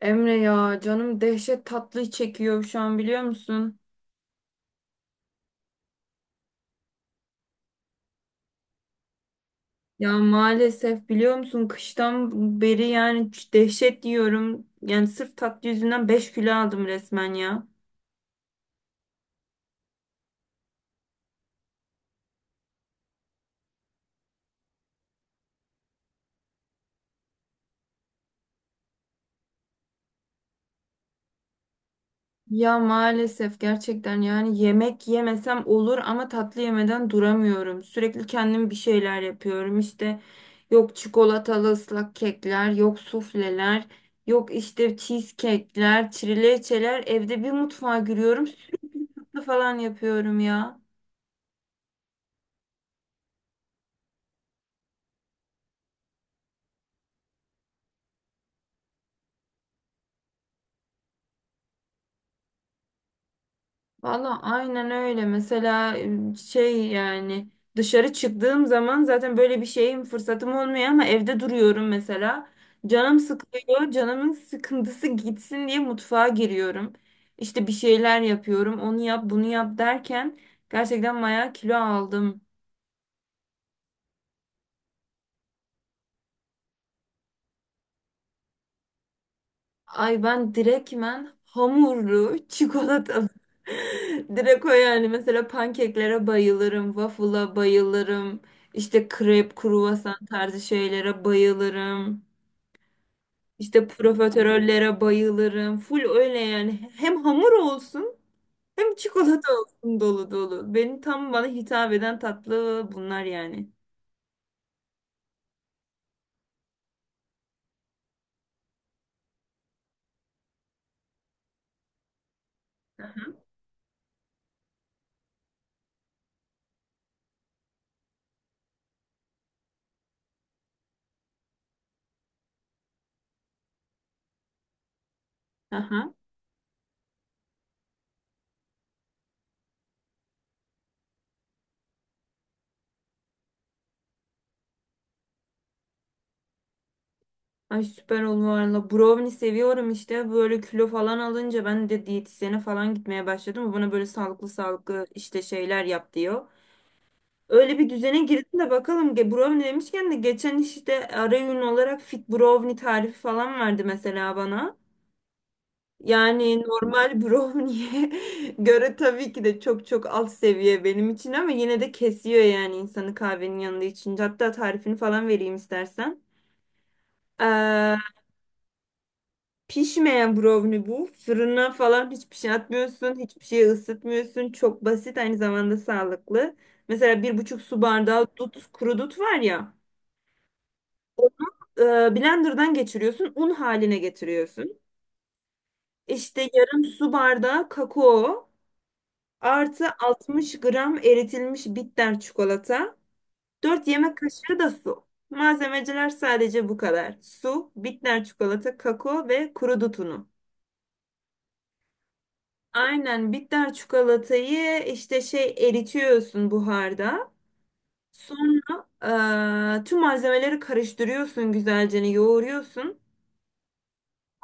Emre ya canım dehşet tatlı çekiyor şu an biliyor musun? Ya maalesef biliyor musun kıştan beri yani dehşet yiyorum. Yani sırf tatlı yüzünden 5 kilo aldım resmen ya. Ya maalesef gerçekten yani yemek yemesem olur ama tatlı yemeden duramıyorum. Sürekli kendim bir şeyler yapıyorum işte. Yok çikolatalı ıslak kekler, yok sufleler, yok işte cheesecake'ler, trileçeler. Evde bir mutfağa giriyorum, sütlü falan yapıyorum ya. Valla aynen öyle. Mesela şey yani dışarı çıktığım zaman zaten böyle bir şeyim fırsatım olmuyor ama evde duruyorum mesela. Canım sıkılıyor. Canımın sıkıntısı gitsin diye mutfağa giriyorum. İşte bir şeyler yapıyorum. Onu yap, bunu yap derken gerçekten bayağı kilo aldım. Ay ben direktmen hamurlu çikolatalı. Direkt o yani mesela pankeklere bayılırım, waffle'a bayılırım, işte krep, kruvasan tarzı şeylere bayılırım, işte profiterollere bayılırım. Full öyle yani hem hamur olsun hem çikolata olsun dolu dolu. Benim tam bana hitap eden tatlı bunlar yani. Aha. Ay süper olur valla. Brownie seviyorum işte. Böyle kilo falan alınca ben de diyetisyene falan gitmeye başladım. O bana böyle sağlıklı sağlıklı işte şeyler yap diyor. Öyle bir düzene girdim de bakalım. Brownie demişken de geçen işte ara öğün olarak fit brownie tarifi falan verdi mesela bana. Yani normal brownie'ye göre tabii ki de çok çok alt seviye benim için ama yine de kesiyor yani insanı kahvenin yanında içince. Hatta tarifini falan vereyim istersen. Ee, Pişmeyen brownie bu. Fırına falan hiçbir şey atmıyorsun. Hiçbir şey ısıtmıyorsun. Çok basit aynı zamanda sağlıklı. Mesela 1,5 su bardağı dut, kuru dut var ya. Onu e, blenderdan geçiriyorsun. Un haline getiriyorsun. İşte yarım su bardağı kakao. Artı 60 gram eritilmiş bitter çikolata. 4 yemek kaşığı da su. Malzemeciler sadece bu kadar. Su, bitter çikolata, kakao ve kuru dut unu. Aynen bitter çikolatayı işte şey eritiyorsun buharda. Sonra tüm malzemeleri karıştırıyorsun güzelce hani, yoğuruyorsun.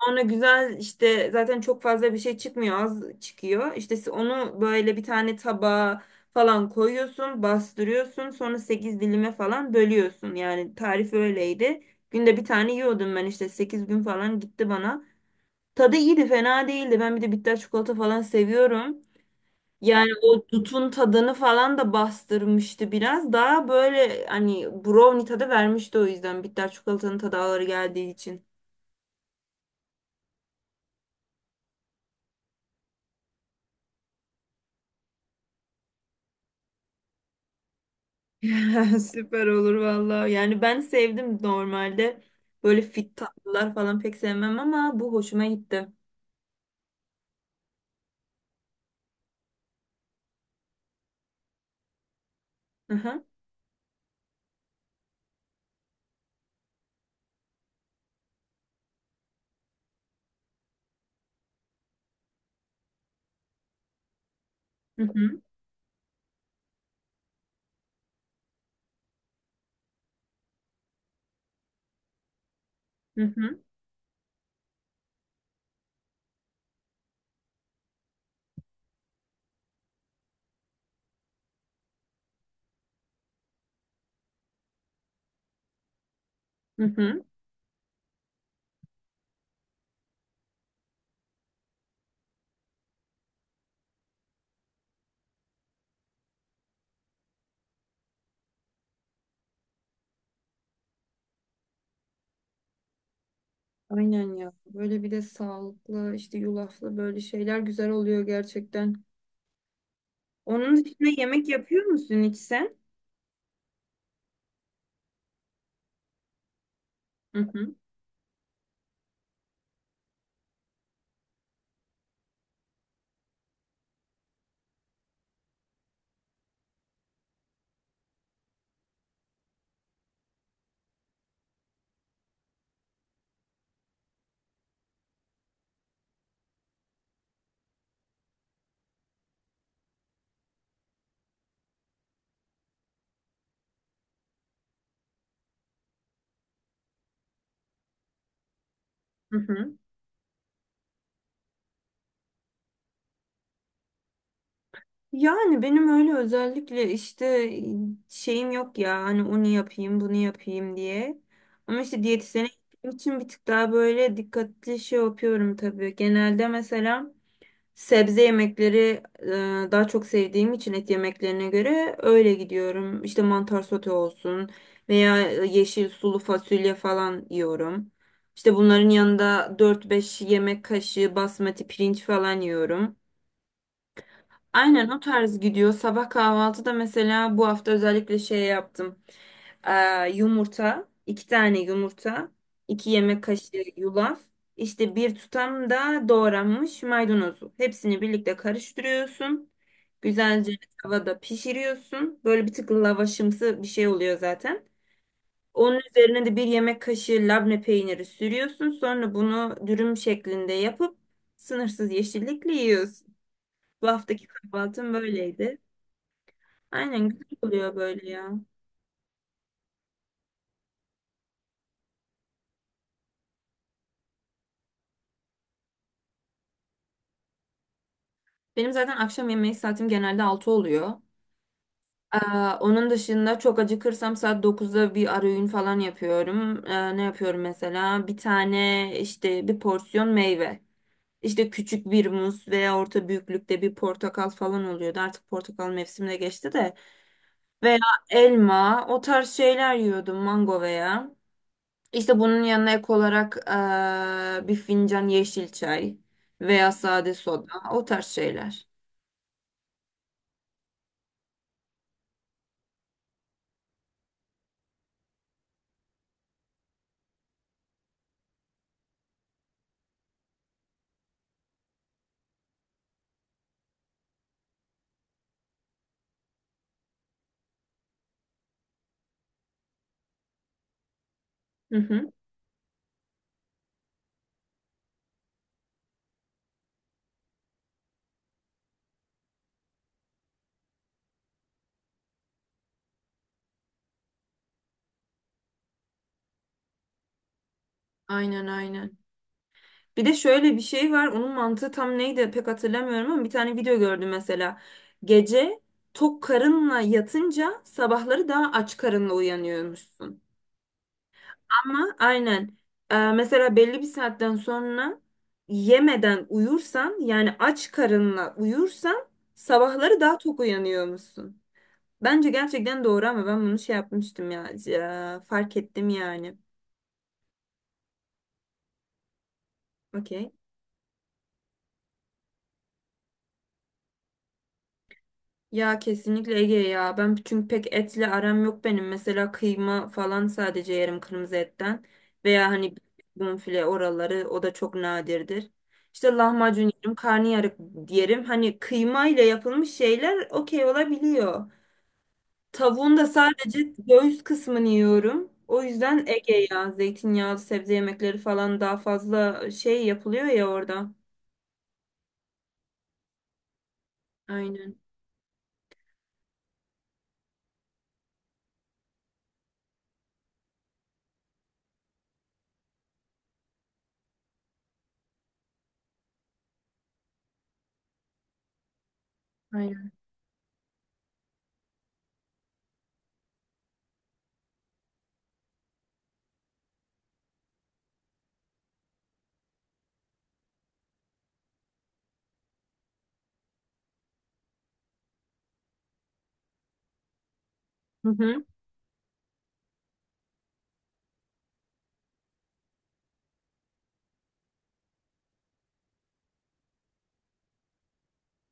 Sonra güzel işte zaten çok fazla bir şey çıkmıyor az çıkıyor. İşte onu böyle bir tane tabağa falan koyuyorsun bastırıyorsun sonra 8 dilime falan bölüyorsun. Yani tarif öyleydi. Günde bir tane yiyordum ben işte 8 gün falan gitti bana. Tadı iyiydi fena değildi. Ben bir de bitter çikolata falan seviyorum. Yani o dutun tadını falan da bastırmıştı biraz. Daha böyle hani brownie tadı vermişti o yüzden. Bitter çikolatanın tadı ağır geldiği için. Süper olur valla. Yani ben sevdim normalde. Böyle fit tatlılar falan pek sevmem ama bu hoşuma gitti. Hı hı. Hı hı. Hı hı. Hı hı. Aynen ya. Böyle bir de sağlıklı işte yulaflı böyle şeyler güzel oluyor gerçekten. Onun dışında yemek yapıyor musun hiç sen? Hı hı. Hı hı. Yani benim öyle özellikle işte şeyim yok ya hani onu yapayım bunu yapayım diye. Ama işte diyetisyene gittiğim için bir tık daha böyle dikkatli şey yapıyorum tabii. Genelde mesela sebze yemekleri daha çok sevdiğim için et yemeklerine göre öyle gidiyorum. İşte mantar sote olsun veya yeşil sulu fasulye falan yiyorum. İşte bunların yanında 4-5 yemek kaşığı basmati pirinç falan yiyorum. Aynen o tarz gidiyor. Sabah kahvaltıda mesela bu hafta özellikle şey yaptım. Yumurta, 2 tane yumurta, 2 yemek kaşığı yulaf, işte bir tutam da doğranmış maydanozu. Hepsini birlikte karıştırıyorsun. Güzelce tavada pişiriyorsun. Böyle bir tık lavaşımsı bir şey oluyor zaten. Onun üzerine de bir yemek kaşığı labne peyniri sürüyorsun. Sonra bunu dürüm şeklinde yapıp sınırsız yeşillikle yiyorsun. Bu haftaki kahvaltım böyleydi. Aynen güzel oluyor böyle ya. Benim zaten akşam yemeği saatim genelde 6 oluyor. Ee, Onun dışında çok acıkırsam saat 9'da bir arayün falan yapıyorum. Ne yapıyorum mesela? Bir tane işte bir porsiyon meyve. İşte küçük bir muz veya orta büyüklükte bir portakal falan oluyordu. Artık portakal mevsimine geçti de. Veya elma o tarz şeyler yiyordum mango veya. İşte bunun yanına ek olarak bir fincan yeşil çay veya sade soda o tarz şeyler. Hı hı. Aynen aynen. Bir de şöyle bir şey var. Onun mantığı tam neydi pek hatırlamıyorum ama bir tane video gördüm mesela. Gece tok karınla yatınca sabahları daha aç karınla uyanıyormuşsun. Ama aynen. Mesela belli bir saatten sonra yemeden uyursan yani aç karınla uyursan sabahları daha tok uyanıyormuşsun. Bence gerçekten doğru ama ben bunu şey yapmıştım ya, fark ettim yani. Okey. Ya kesinlikle Ege ya. Ben çünkü pek etle aram yok benim. Mesela kıyma falan sadece yerim kırmızı etten. Veya hani bonfile oraları o da çok nadirdir. İşte lahmacun yerim, karnıyarık yerim. Hani kıyma ile yapılmış şeyler okey olabiliyor. Tavuğun da sadece göğüs kısmını yiyorum. O yüzden Ege ya. Zeytinyağlı sebze yemekleri falan daha fazla şey yapılıyor ya orada. Aynen. Aynen. Hı hı.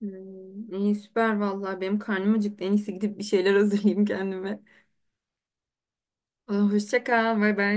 Hmm, iyi süper vallahi benim karnım acıktı. En iyisi gidip bir şeyler hazırlayayım kendime. Aa, hoşça kal. Bay bay.